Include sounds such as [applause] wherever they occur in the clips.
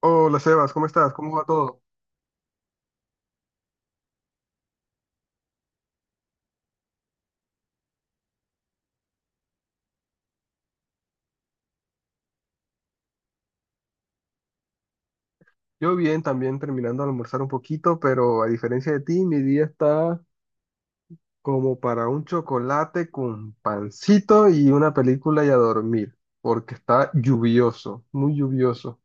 Hola, Sebas, ¿cómo estás? ¿Cómo va todo? Yo bien, también terminando de almorzar un poquito, pero a diferencia de ti, mi día está como para un chocolate con pancito y una película y a dormir, porque está lluvioso, muy lluvioso.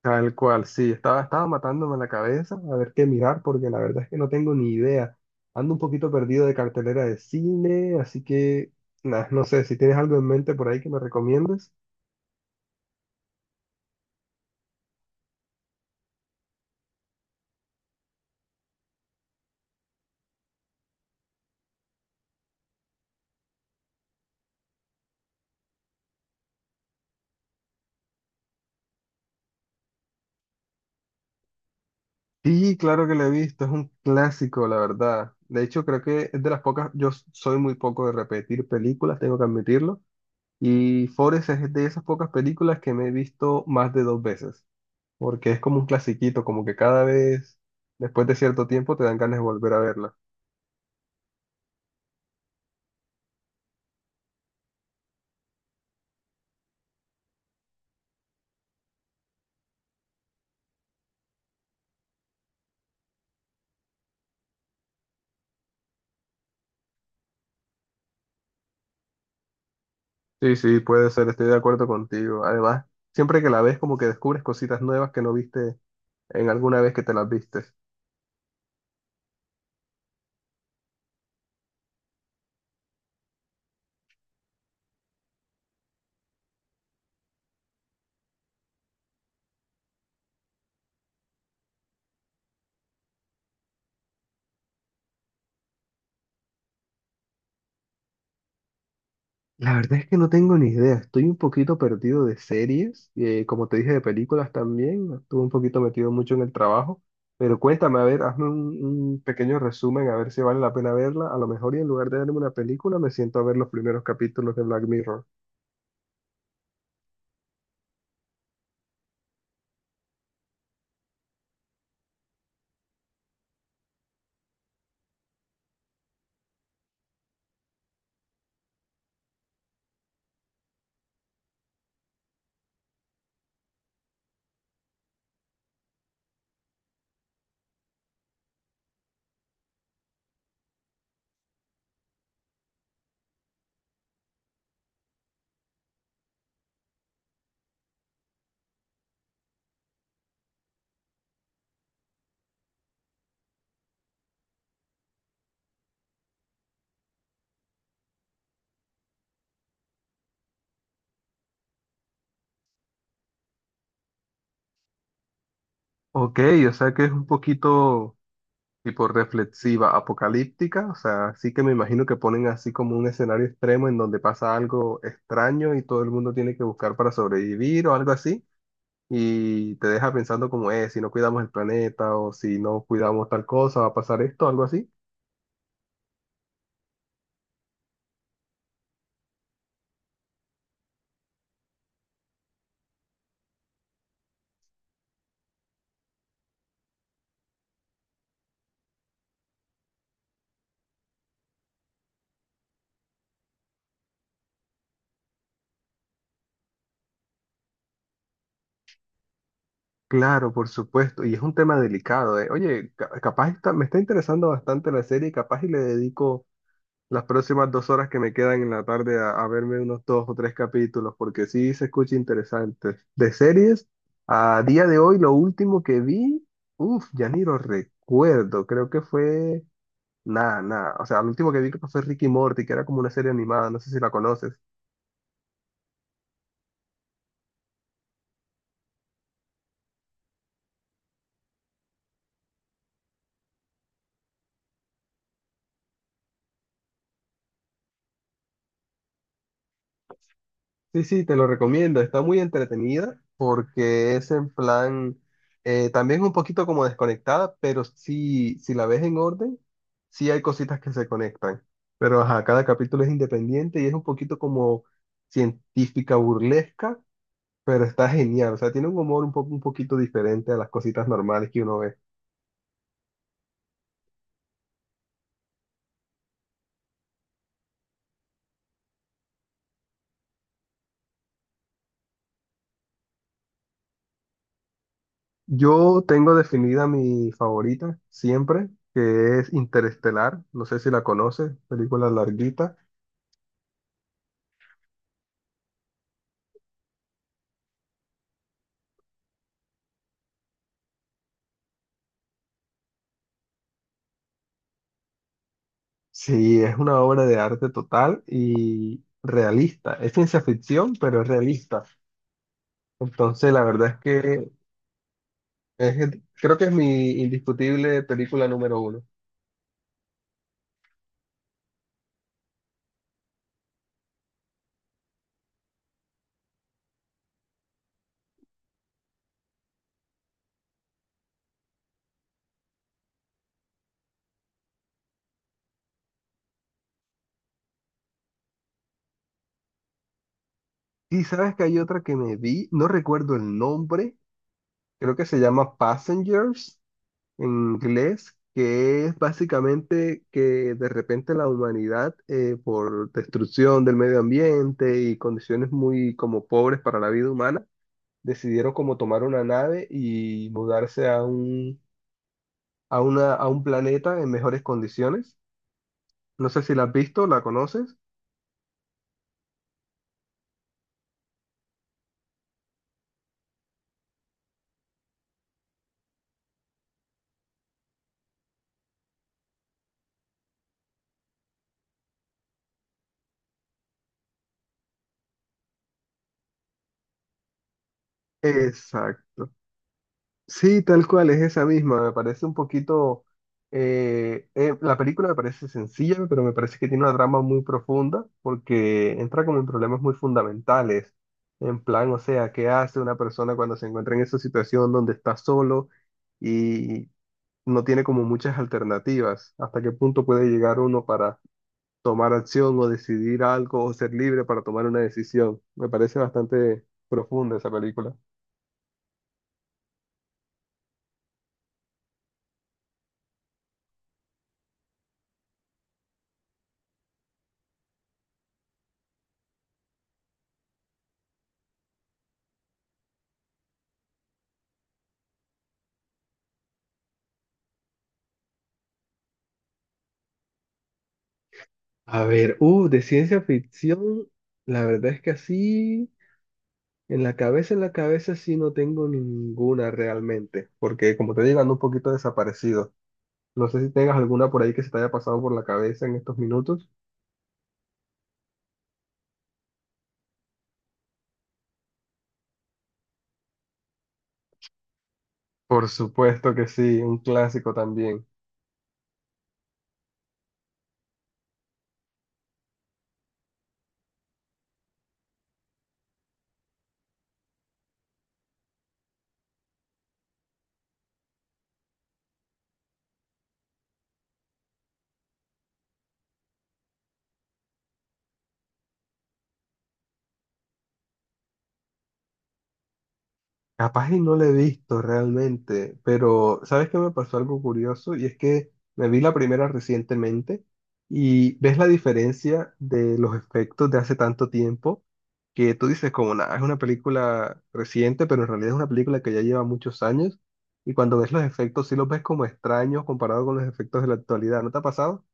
Tal cual, sí, estaba matándome la cabeza a ver qué mirar, porque la verdad es que no tengo ni idea. Ando un poquito perdido de cartelera de cine, así que nah, no sé si tienes algo en mente por ahí que me recomiendes. Sí, claro que la he visto, es un clásico, la verdad. De hecho, creo que es de las pocas, soy muy poco de repetir películas, tengo que admitirlo. Y Forest es de esas pocas películas que me he visto más de dos veces, porque es como un clasiquito, como que cada vez, después de cierto tiempo, te dan ganas de volver a verla. Sí, sí, puede ser, estoy de acuerdo contigo. Además, siempre que la ves, como que descubres cositas nuevas que no viste en alguna vez que te las viste. La verdad es que no tengo ni idea. Estoy un poquito perdido de series, como te dije, de películas también. Estuve un poquito metido mucho en el trabajo. Pero cuéntame, a ver, hazme un pequeño resumen, a ver si vale la pena verla. A lo mejor y en lugar de verme una película, me siento a ver los primeros capítulos de Black Mirror. Ok, o sea que es un poquito tipo reflexiva, apocalíptica. O sea, sí que me imagino que ponen así como un escenario extremo en donde pasa algo extraño y todo el mundo tiene que buscar para sobrevivir o algo así, y te deja pensando como es, si no cuidamos el planeta o si no cuidamos tal cosa, va a pasar esto, algo así. Claro, por supuesto, y es un tema delicado, eh. Oye, me está interesando bastante la serie, capaz y le dedico las próximas 2 horas que me quedan en la tarde a verme unos dos o tres capítulos, porque sí se escucha interesante. De series, a día de hoy lo último que vi, uff, ya ni lo recuerdo, creo que fue... Nada, nada. O sea, lo último que vi creo que fue Ricky Morty, que era como una serie animada, no sé si la conoces. Sí, sí, te lo recomiendo. Está muy entretenida porque es en plan, también un poquito como desconectada, pero sí, si la ves en orden, sí hay cositas que se conectan. Pero ajá, cada capítulo es independiente y es un poquito como científica burlesca, pero está genial. O sea, tiene un humor un poco, un poquito diferente a las cositas normales que uno ve. Yo tengo definida mi favorita siempre, que es Interestelar. No sé si la conoces, película larguita. Sí, es una obra de arte total y realista. Es ciencia ficción, pero es realista. Entonces, la verdad es que creo que es mi indiscutible película número uno. Y sabes que hay otra que me vi, no recuerdo el nombre, creo que se llama Passengers en inglés, que es básicamente que de repente la humanidad, por destrucción del medio ambiente y condiciones muy como pobres para la vida humana, decidieron como tomar una nave y mudarse a un planeta en mejores condiciones. No sé si la has visto, ¿la conoces? Exacto. Sí, tal cual, es esa misma. Me parece un poquito... la película me parece sencilla, pero me parece que tiene una trama muy profunda porque entra como en problemas muy fundamentales. En plan, o sea, ¿qué hace una persona cuando se encuentra en esa situación donde está solo? No tiene como muchas alternativas. ¿Hasta qué punto puede llegar uno para tomar acción o decidir algo o ser libre para tomar una decisión? Me parece bastante profunda esa película. A ver, de ciencia ficción, la verdad es que así, en la cabeza sí no tengo ninguna realmente, porque como te digo, ando un poquito desaparecido. No sé si tengas alguna por ahí que se te haya pasado por la cabeza en estos minutos. Por supuesto que sí, un clásico también. Capaz y no la he visto realmente, pero ¿sabes qué me pasó algo curioso? Y es que me vi la primera recientemente y ves la diferencia de los efectos de hace tanto tiempo que tú dices como nada, es una película reciente, pero en realidad es una película que ya lleva muchos años y cuando ves los efectos sí los ves como extraños comparado con los efectos de la actualidad. ¿No te ha pasado?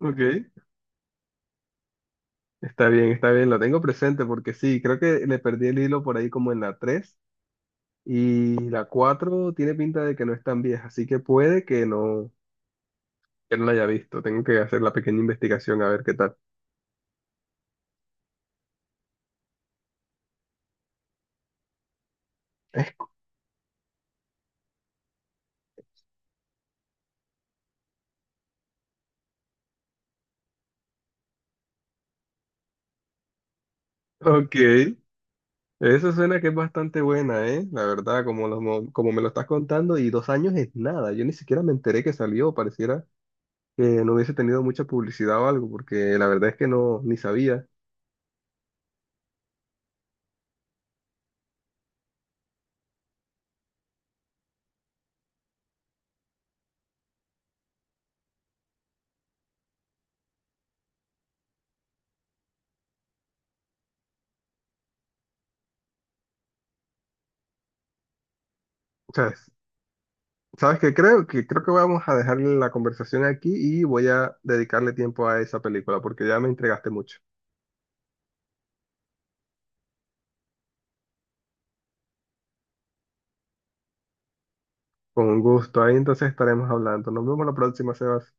Ok, está bien, lo tengo presente porque sí, creo que le perdí el hilo por ahí como en la 3. Y la 4 tiene pinta de que no es tan vieja, así que puede que no la haya visto. Tengo que hacer la pequeña investigación a ver qué tal. [laughs] Es ok, eso suena que es bastante buena, ¿eh? La verdad, como, como me lo estás contando, y 2 años es nada. Yo ni siquiera me enteré que salió, pareciera que no hubiese tenido mucha publicidad o algo, porque la verdad es que no, ni sabía. O sea, ¿sabes qué creo? Que creo que vamos a dejar la conversación aquí y voy a dedicarle tiempo a esa película, porque ya me entregaste mucho. Con gusto. Ahí entonces estaremos hablando. Nos vemos la próxima, Sebas.